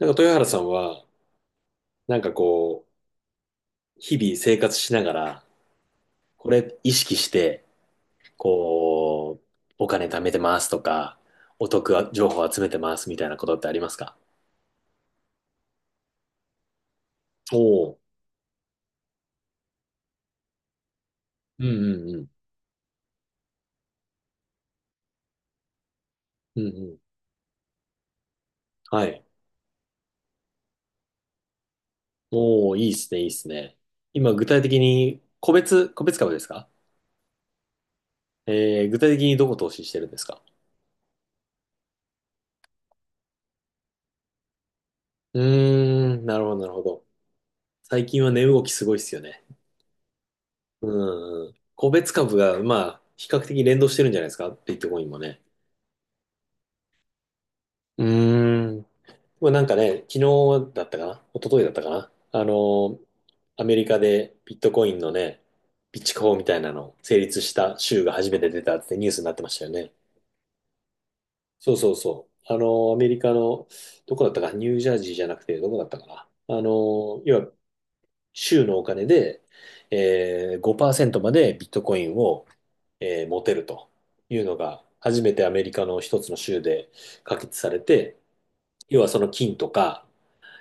なんか豊原さんは、なんかこう、日々生活しながら、これ意識して、こう、お金貯めてますとか、お得情報集めてますみたいなことってありますか？おおー、うんうんうん。うんうん。はい。おお、いいっすね、いいっすね。今、具体的に、個別株ですか？具体的にどこ投資してるんですか？うーん、なるほど、なるほど。最近は値動きすごいっすよね。うんうん。個別株が、まあ、比較的連動してるんじゃないですかビットコインもね。うーん。まあ、なんかね、昨日だったかな一昨日だったかなアメリカでビットコインのね、備蓄法みたいなの成立した州が初めて出たってニュースになってましたよね。そうそうそう。あの、アメリカの、どこだったか、ニュージャージーじゃなくて、どこだったかな。要は、州のお金で、5%までビットコインを、持てるというのが、初めてアメリカの一つの州で可決されて、要はその金とか、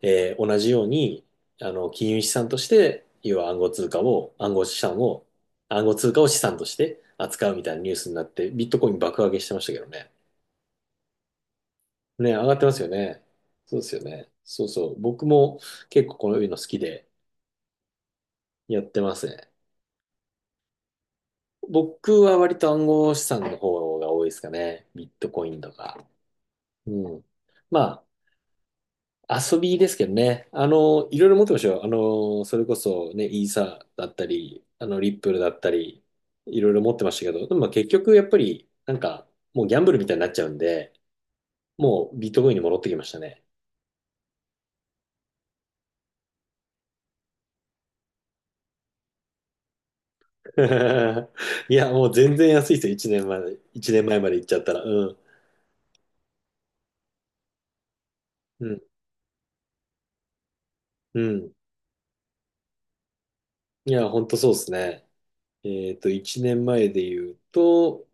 同じように、金融資産として、要は暗号通貨を資産として扱うみたいなニュースになって、ビットコイン爆上げしてましたけどね。ね、上がってますよね。そうですよね。そうそう。僕も結構こういうの好きでやってますね。僕は割と暗号資産の方が多いですかね。ビットコインとか。うん。ま遊びですけどね。いろいろ持ってましたよ。それこそね、イーサだったり、リップルだったり、いろいろ持ってましたけど、でもまあ結局やっぱり、なんか、もうギャンブルみたいになっちゃうんで、もうビットコインに戻ってきましたね。いや、もう全然安いですよ。1年前、一年前まえまで行っちゃったら。うん。うん。うん。いや、ほんとそうですね。1年前で言うと、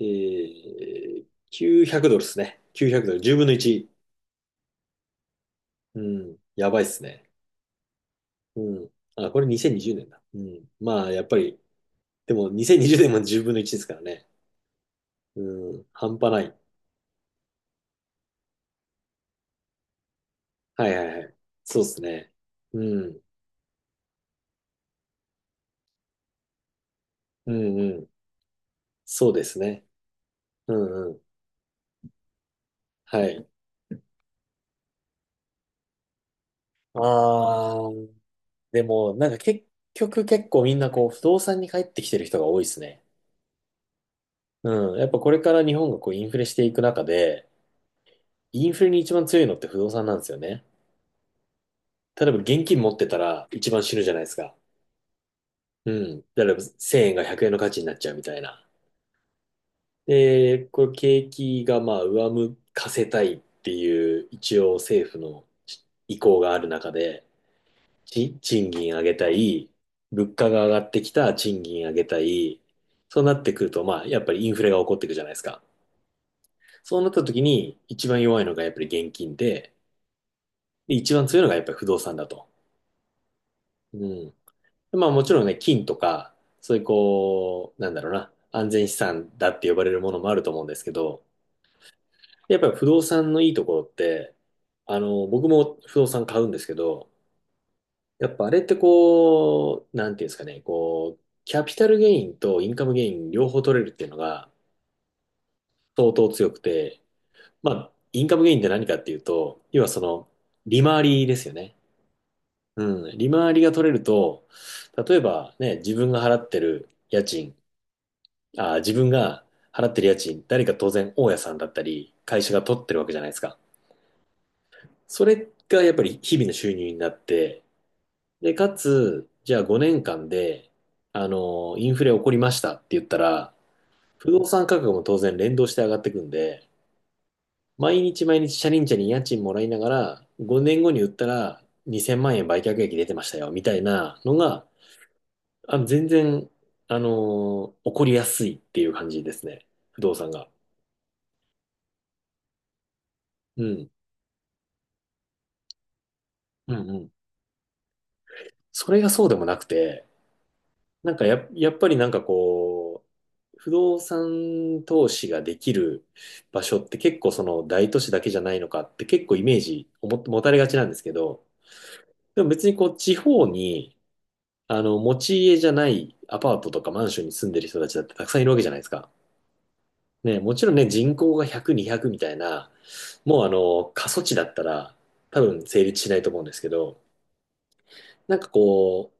900ドルですね。9 0ドル。10分の1。うん。やばいっすね。うん。あ、これ2020年だ。うん。まあ、やっぱり、でも2020年も10分の1ですからね。うん。半端ない。はいはいはい。そうですね。うん。うんうん。そうですね。うんうん。はい。ああ、でも、なんか結局結構みんなこう、不動産に帰ってきてる人が多いですね。うん。やっぱこれから日本がこう、インフレしていく中で、インフレに一番強いのって不動産なんですよね。例えば現金持ってたら一番死ぬじゃないですか。うん。例えば1000円が100円の価値になっちゃうみたいな。で、これ景気がまあ上向かせたいっていう一応政府の意向がある中で、賃金上げたい、物価が上がってきたら賃金上げたい、そうなってくると、まあ、やっぱりインフレが起こっていくじゃないですか。そうなった時に、一番弱いのがやっぱり現金で、で一番強いのがやっぱり不動産だと。うん。でまあもちろんね、金とか、そういうこう、なんだろうな、安全資産だって呼ばれるものもあると思うんですけど、やっぱり不動産のいいところって、僕も不動産買うんですけど、やっぱあれってこう、なんていうんですかね、こう、キャピタルゲインとインカムゲイン両方取れるっていうのが相当強くて、まあ、インカムゲインって何かっていうと、要はその、利回りですよね。うん、利回りが取れると、例えばね、自分が払ってる家賃、誰か当然大家さんだったり、会社が取ってるわけじゃないですか。それがやっぱり日々の収入になって、で、かつ、じゃあ5年間で、インフレ起こりましたって言ったら、不動産価格も当然連動して上がってくんで、毎日毎日チャリンチャリン家賃もらいながら、5年後に売ったら2000万円売却益出てましたよ、みたいなのが、あの全然、あのー起こりやすいっていう感じですね。不動産が。うん。うんうん。それがそうでもなくて、なんかやっぱりなんかこう、不動産投資ができる場所って結構その大都市だけじゃないのかって結構イメージをも持たれがちなんですけど、でも別にこう地方に持ち家じゃないアパートとかマンションに住んでる人たちだってたくさんいるわけじゃないですか。ね、もちろんね人口が100、200みたいな、もう過疎地だったら多分成立しないと思うんですけど、なんか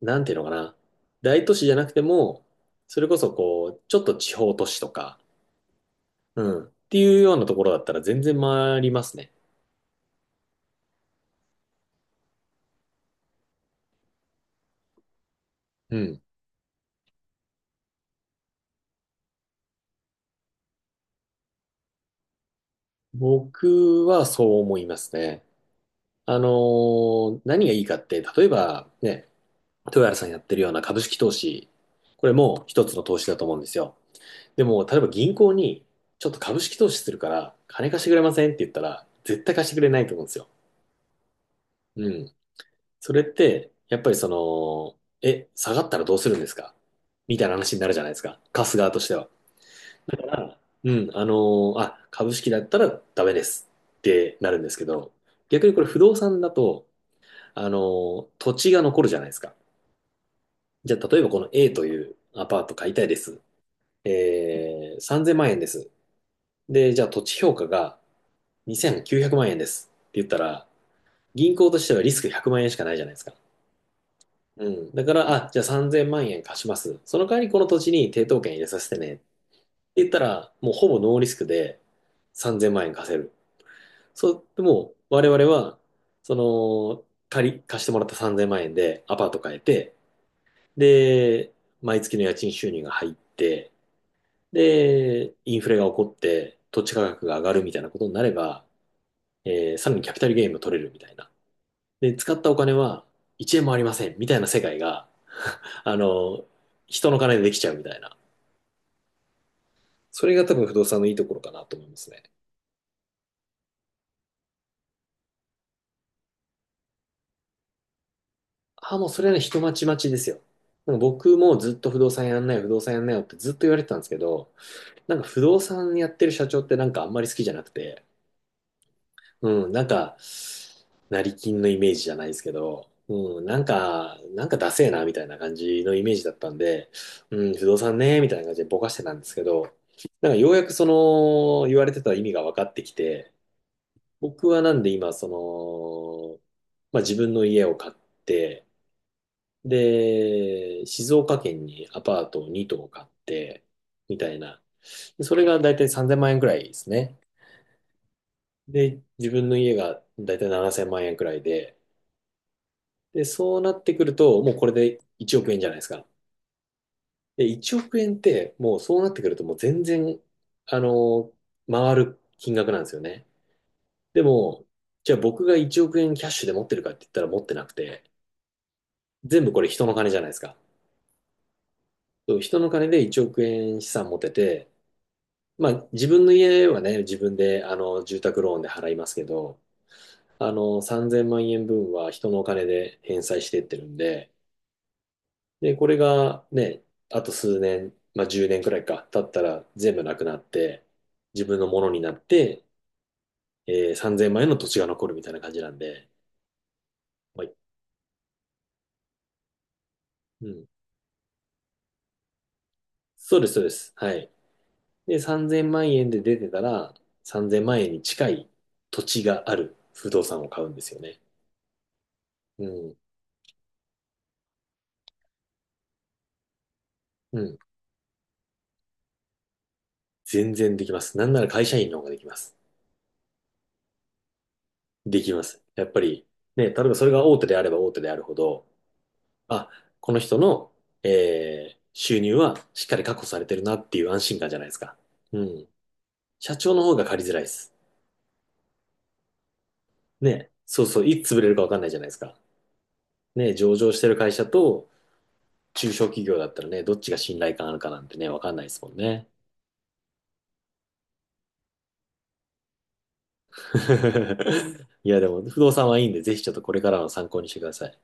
なんていうのかな。大都市じゃなくても、それこそこう、ちょっと地方都市とか、うん。っていうようなところだったら全然回りますね。うん。僕はそう思いますね。あの何がいいかって、例えばね、豊原さんやってるような株式投資、これも一つの投資だと思うんですよ。でも、例えば銀行に、ちょっと株式投資するから、金貸してくれませんって言ったら、絶対貸してくれないと思うんですよ。うん。それって、やっぱりその、下がったらどうするんですかみたいな話になるじゃないですか。貸す側としては。うん、株式だったらダメですってなるんですけど、逆にこれ不動産だと、土地が残るじゃないですか。じゃあ、例えばこの A というアパート買いたいです。3000万円です。で、じゃあ土地評価が2900万円ですって言ったら、銀行としてはリスク100万円しかないじゃないですか。うん。だから、あ、じゃあ3000万円貸します。その代わりこの土地に抵当権入れさせてね。って言ったら、もうほぼノーリスクで3000万円貸せる。そう、でも我々は、その、貸してもらった3000万円でアパート買えて、で、毎月の家賃収入が入って、で、インフレが起こって土地価格が上がるみたいなことになれば、さらにキャピタルゲインも取れるみたいな。で、使ったお金は1円もありませんみたいな世界が、あの、人の金でできちゃうみたいな。それが多分不動産のいいところかなと思いますね。ああ、もうそれはね、人待ち待ちですよ。なんか僕もずっと不動産やんないよ、不動産やんないよってずっと言われてたんですけど、なんか不動産やってる社長ってなんかあんまり好きじゃなくて、うん、なんか、成金のイメージじゃないですけど、うん、なんか、なんかダセえなみたいな感じのイメージだったんで、うん、不動産ね、みたいな感じでぼかしてたんですけど、なんかようやくその言われてた意味が分かってきて、僕はなんで今、その、まあ、自分の家を買って、で、静岡県にアパートを2棟買って、みたいな。でそれがだいたい3000万円くらいですね。で、自分の家がだいたい7000万円くらいで、で、そうなってくると、もうこれで1億円じゃないですか。で、1億円って、もうそうなってくると、もう全然、あの、回る金額なんですよね。でも、じゃあ僕が1億円キャッシュで持ってるかって言ったら持ってなくて、全部これ人の金じゃないですか。そう人の金で1億円資産持てて、まあ自分の家はね、自分で住宅ローンで払いますけど、3000万円分は人のお金で返済していってるんで、で、これがね、あと数年、まあ10年くらいか、経ったら全部なくなって、自分のものになって、3000万円の土地が残るみたいな感じなんで、はい、うん。そうです、そうです。はい。で、3000万円で出てたら、3000万円に近い土地がある不動産を買うんですよね。うん。うん。全然できます。なんなら会社員の方ができます。できます。やっぱり、ね、例えばそれが大手であれば大手であるほど、あ、この人の、収入はしっかり確保されてるなっていう安心感じゃないですか。うん。社長の方が借りづらいです。ね。そうそう、いつ潰れるかわかんないじゃないですか。ね、上場してる会社と中小企業だったらね、どっちが信頼感あるかなんてね、わかんないですもんね。いや、でも、不動産はいいんで、ぜひちょっとこれからの参考にしてください。